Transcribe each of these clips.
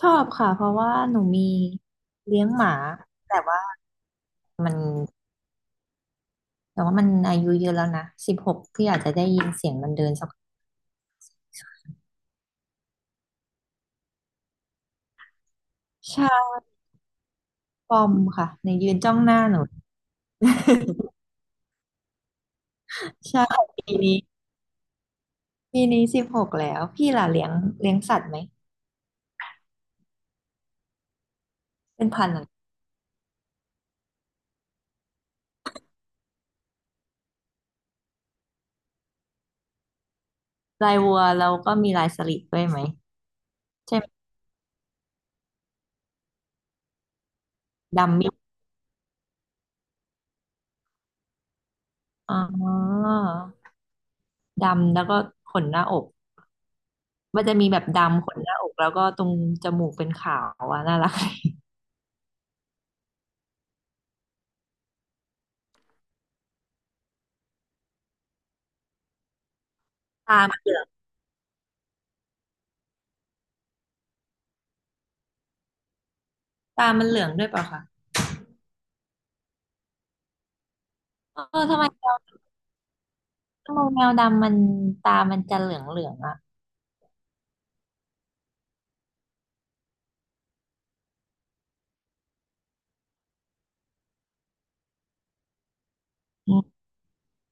ชอบค่ะเพราะว่าหนูมีเลี้ยงหมาแต่ว่ามันแต่ว่ามันอายุเยอะแล้วนะสิบหกพี่อาจจะได้ยินเสียงมันเดินสักใช่ปอมค่ะในยืนจ้องหน้าหนู ใช่ปีนี้ปีนี้สิบหกแล้วพี่ล่ะเลี้ยงสัตว์ไหมเป็นพันธุ์อะไรลายวัวแล้วก็มีลายสลิดด้วยไหมใช่ไหมดำมิอ๋อดำแล้วก็ขนหน้าอกมันจะมีแบบดำขนหน้าอกแล้วก็ตรงจมูกเป็นขาวอ่ะน่ารัก ตามัน ตามันเหลืองด้วยเปล่าคะเออทำไมแมวดำมันตามันจะเหลืองเหลืองอ่ะอืม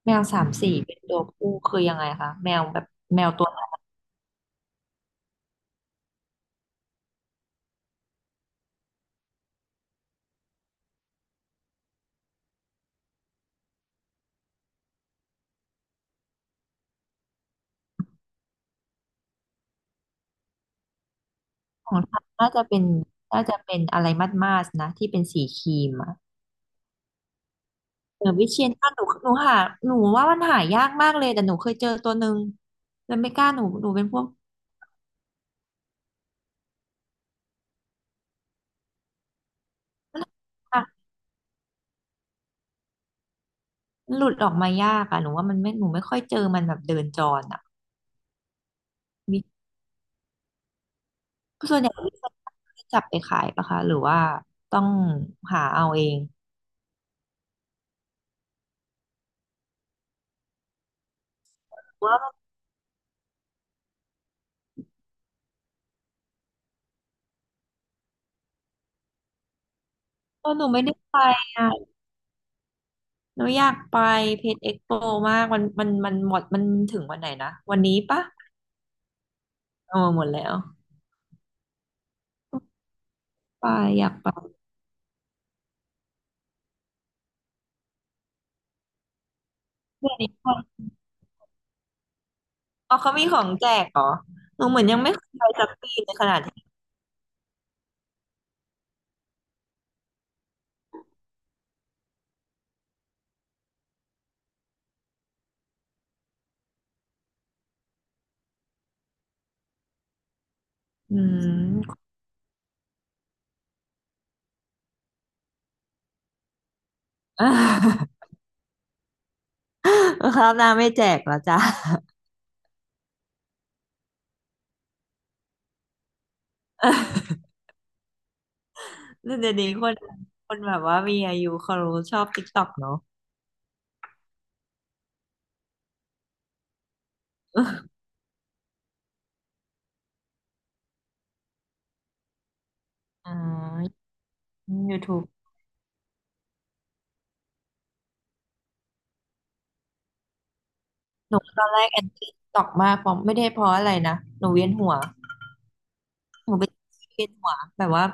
แมวสามสีเป็นตัวผู้คือยังไงคะแมวแบบแมวตัวไหนของฉันน่าจะเป็นน่าจะเป็นอะไรมัดมาสนะที่เป็นสีครีมอะเออวิเชียรนาถหนูหาหนูว่ามันหายากมากเลยแต่หนูเคยเจอตัวหนึ่งแล้วไม่กล้าหนูเป็นพวกอ่ะหลุดออกมายากอะหนูว่ามันไม่หนูไม่ค่อยเจอมันแบบเดินจรอะมีส่วนใหญ่วิเชียรนาถจับไปขายปะคะหรือว่าต้องหาเอาเอง ว่าเออหนูไม่ได้ไปอ่ะหนูอยากไปเพชรเอ็กโปมากมันหมดมันถึงวันไหนนะวันนี้ปะเออหมดแล้วไปอยากไปเพือนอี้ก่อนอ๋อเขามีของแจกเหรอหนูเหมือนยังไม่เคยไปสักปีในขนาดที่อืม คราวหน้าไม่แจกแล้วจ้ะ เดี๋ยวนี้คนแบบว่ามีอายุเขารู้ชอบติ๊กต็อกเนาะอ่า YouTube หนูตอนแรกแอนตี้ตอกมากเพราะไม่ได้เพราะอะไรนะหนูเวียนหัว หนูเป็นเวียนหัวแบบว่า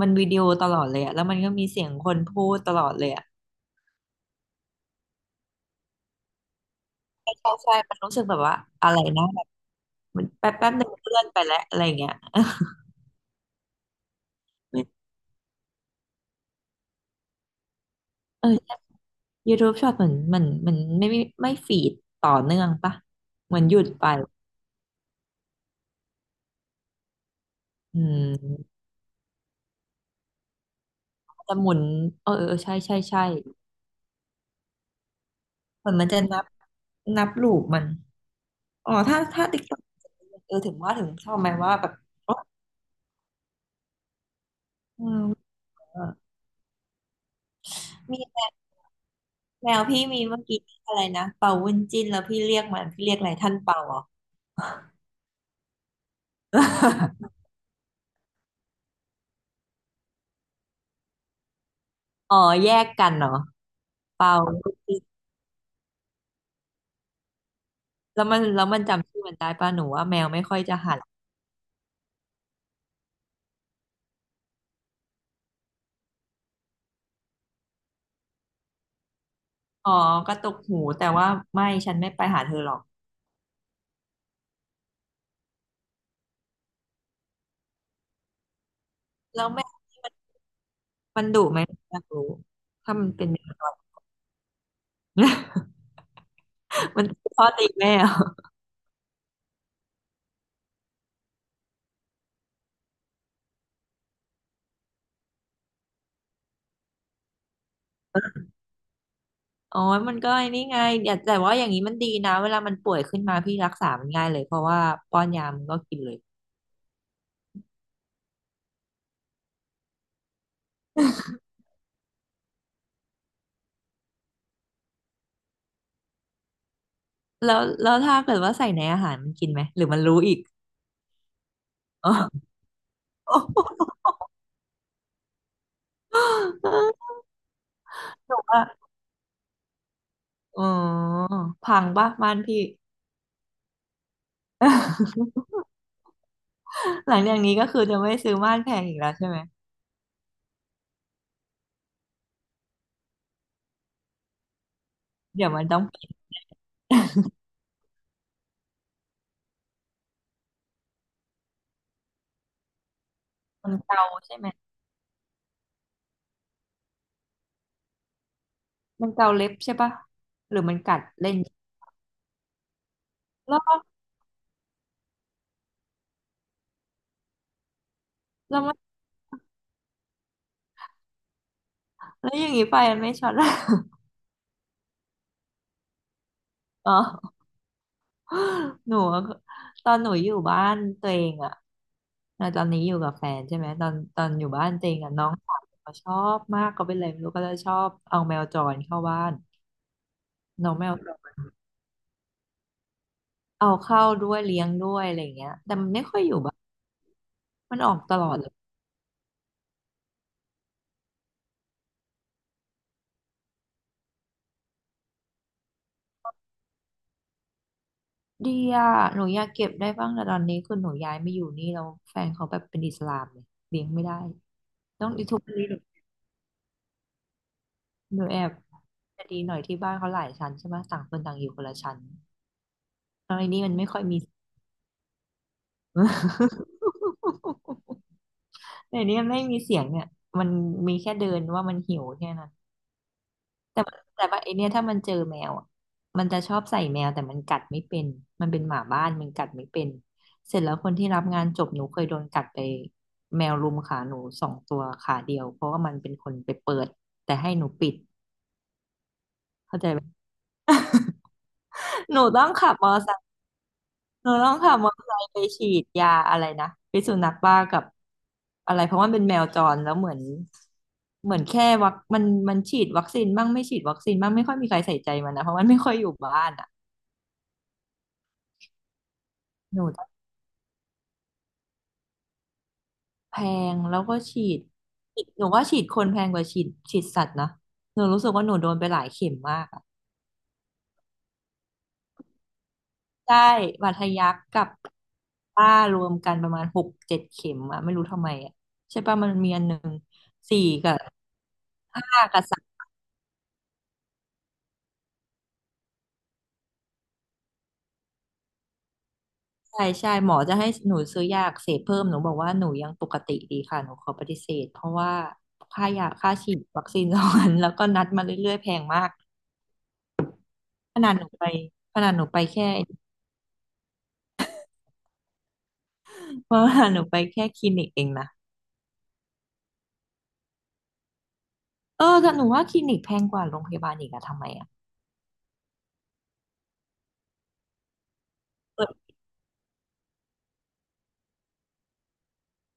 มันวิดีโอตลอดเลยอะแล้วมันก็มีเสียงคนพูดตลอดเลยอะใช่ใช่ใช่มันรู้สึกแบบว่าอะไรนะแบบมันแป๊บแป๊บหนึ่งเลื่อนไปแล้วอะไรอย่างเงี้ย ไม่เออ YouTube ชอบเหมือนไม่ฟีดต่อเนื่องปะเหมือนหยุดไปอืมจะหมุนเออเออเออใช่ใช่ใช่เหมือนมันจะนับนับลูปมันอ๋อถ้าติ๊กต็อกเออถึงว่าถึงชอบไหมว่าแบบอ๋ออืมเออมี แมวพี่มีเมื่อกี้อะไรนะเป่าวุ้นจิ้นแล้วพี่เรียกมันพี่เรียกอะไรท่านเป่าเหรอ อ๋อแยกกันเหรอเป่าวุ้นจิ้นแล้วมันจำชื่อมันได้ป่ะหนูว่าแมวไม่ค่อยจะหันอ๋อกระตุกหูแต่ว่าไม่ฉันไม่ไปหาเธอหรอกแล้วแมวนี่มันมันดุไหมอยากรู้ถ้ามันเป็นแมวจร มันพ่อตีแม่เหรออ๋อมันก็ไอ้นี่ไงแต่ว่าอย่างนี้มันดีนะเวลามันป่วยขึ้นมาพี่รักษามันง่ายเลยเพราะว่าป้อนยามันก็กินเลย แล้วถ้าเกิดว่าใส่ในอาหารมันกินไหมหรือมันรู้อีกอ๋อ แบบว่าอ๋อพังปะม่านพี่ หลังจากนี้ก็คือจะไม่ซื้อม่านแพงอีกแล้วใช่ไหมเดี๋ยวมันต้องปิดมันเกาใช่ไหมมันเกาเล็บใช่ปะหรือมันกัดเล่นแล้วแล้วมันแล้วอย่างนี้ไปมันไม่ช็อต ละอ๋อ หนูอะตอนหนูอยู่บ้านตัวเองอะอ่ะตอนนี้อยู่กับแฟนใช่ไหมตอนอยู่บ้านตัวเองอะน้องสาวเขาชอบมากเขาเป็นอะไรไม่รู้ก็จะชอบเอาแมวจรเข้าบ้านน้องแมวจรเอาเข้าด้วยเลี้ยงด้วยอะไรอย่างเงี้ยแต่มันไม่ค่อยอยู่บ้านมันออกตลอดเลยดีอะหนูอยากเก็บได้บ้างแต่ตอนนี้คือหนูย้ายมาอยู่นี่แล้วแฟนเขาแบบเป็นอิสลามเลยเลี้ยงไม่ได้หนูแอบจะดีหน่อยที่บ้านเขาหลายชั้นใช่ไหมต่างคนต่างอยู่คนละชั้นตอนนี้มันไม่ค่อยมี แต่นี่มันไม่มีเสียงเนี่ยมันมีแค่เดินว่ามันหิวแค่นั้นแต่ว่าไอเนี่ยถ้ามันเจอแมวอะมันจะชอบใส่แมวแต่มันกัดไม่เป็นมันเป็นหมาบ้านมันกัดไม่เป็นเสร็จแล้วคนที่รับงานจบหนูเคยโดนกัดไปแมวรุมขาหนูสองตัวขาเดียวเพราะว่ามันเป็นคนไปเปิดแต่ให้หนูปิดเข้าใจไหม หนูต้องขับมอไซ์ ต้องขับมอเตอร์ไซค์ไปฉีดยาอะไรนะพิษสุนัขบ้ากับอะไรเพราะว่ามันเป็นแมวจรแล้วเหมือนเหมือนแค่วัคมันฉีดวัคซีนบ้างไม่ฉีดวัคซีนบ้างไม่ค่อยมีใครใส่ใจมันนะเพราะมันไม่ค่อยอยู่บ้านอ่ะหนูต้องแพงแล้วก็ฉีดหนูว่าฉีดคนแพงกว่าฉีดสัตว์นะหนูรู้สึกว่าหนูโดนไปหลายเข็มมากอะใช่บาดทะยักกับป้ารวมกันประมาณหกเจ็ดเข็มอะไม่รู้ทำไมอะใช่ป่ะมันมีอันหนึ่งสี่กับห้ากับ ใช่ใช่หมอจะให้หนูซื้อยาอักเสพเพิ่มหนูบอกว่าหนูยังปกติดีค่ะหนูขอปฏิเสธเพราะว่าค่ายาค่าฉีดวัคซีนสองอัน แล้วก็นัดมาเรื่อยๆแพงมากขนาดหนูไปขนาดหนูไปแค่เพราะว่าหนูไปแค่คลินิกเองนะแต่หนูว่าคลินิกแพงกว่าโรงพยาบาลอีกอะทำไมอะเปิด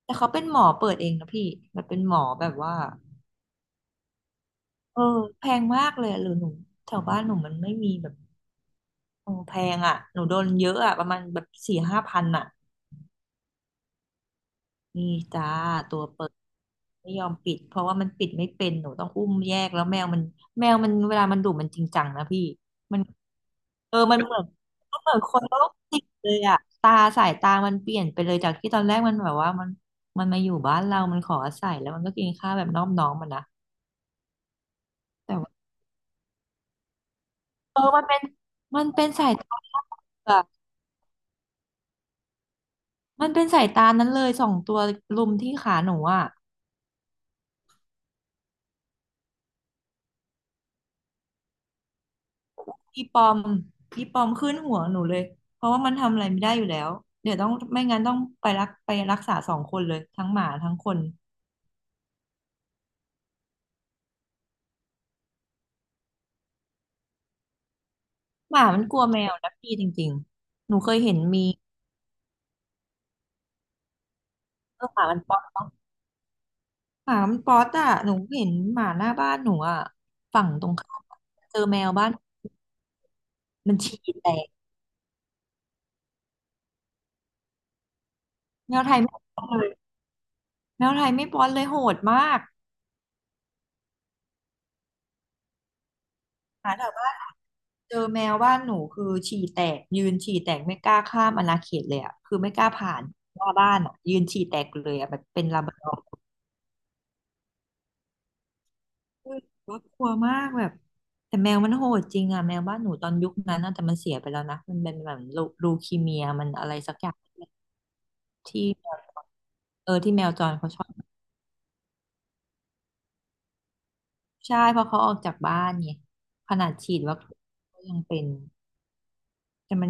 แต่เขาเป็นหมอเปิดเองนะพี่มันเป็นหมอแบบว่าเออแพงมากเลยอะหรือหนูแถวบ้านหนูมันไม่มีแบบโอ้แพงอะหนูโดนเยอะอะประมาณแบบสี่ห้าพันอะ นี่จ้าตัวเปิดไม่ยอมปิดเพราะว่ามันปิดไม่เป็นหนูต้องอุ้มแยกแล้วแมวมันเวลามันดุมันจริงจังนะพี่มันเออมันเหมือนคนโรคจิตเลยอะตาสายตามันเปลี่ยนไปเลยจากที่ตอนแรกมันแบบว่ามันมันมาอยู่บ้านเรามันขออาศัยแล้วมันก็กินข้าวแบบนอบน้อมมันนะแต่ว่าเออมันเป็นสายตาอะมันเป็นสายตานั้นเลยสองตัวลุมที่ขาหนูอะ อีปอมอีปอมขึ้นหัวหนูเลยเพราะว่ามันทำอะไรไม่ได้อยู่แล้วเดี๋ยวต้องไม่งั้นต้องไปรักษาสองคนเลยทั้งหมาทั้งคนหมามันกลัวแมวนะพี่จริงๆหนูเคยเห็นมีเออหมามันป๊อตอ่ะหนูเห็นหมาหน้าบ้านหนูอ่ะฝั่งตรงข้ามอะเจอแมวบ้านมันฉี่แตกแมวไทยไม่ป๊อตเลยแมวไทยไม่ป๊อตเลยโหดมากหมาแถว เจอแมวบ้านหนูคือฉี่แตกยืนฉี่แตกไม่กล้าข้ามอาณาเขตเลยอ่ะคือไม่กล้าผ่านหน้าบ้านอ่ะยืนฉี่แตกเลยอ่ะแบบเป็นลาบราดอร์คือว่ากลัวมากแบบแต่แมวมันโหดจริงอ่ะแมวบ้านหนูตอนยุคนั้นน่ะแต่มันเสียไปแล้วนะมันเป็นแบบลูลูคีเมียมันอะไรสักอย่างที่แมวเออที่แมวจรเขาชอบใช่เพราะเขาออกจากบ้านไงขนาดฉีดวัคซีนก็ยังเป็นแต่มัน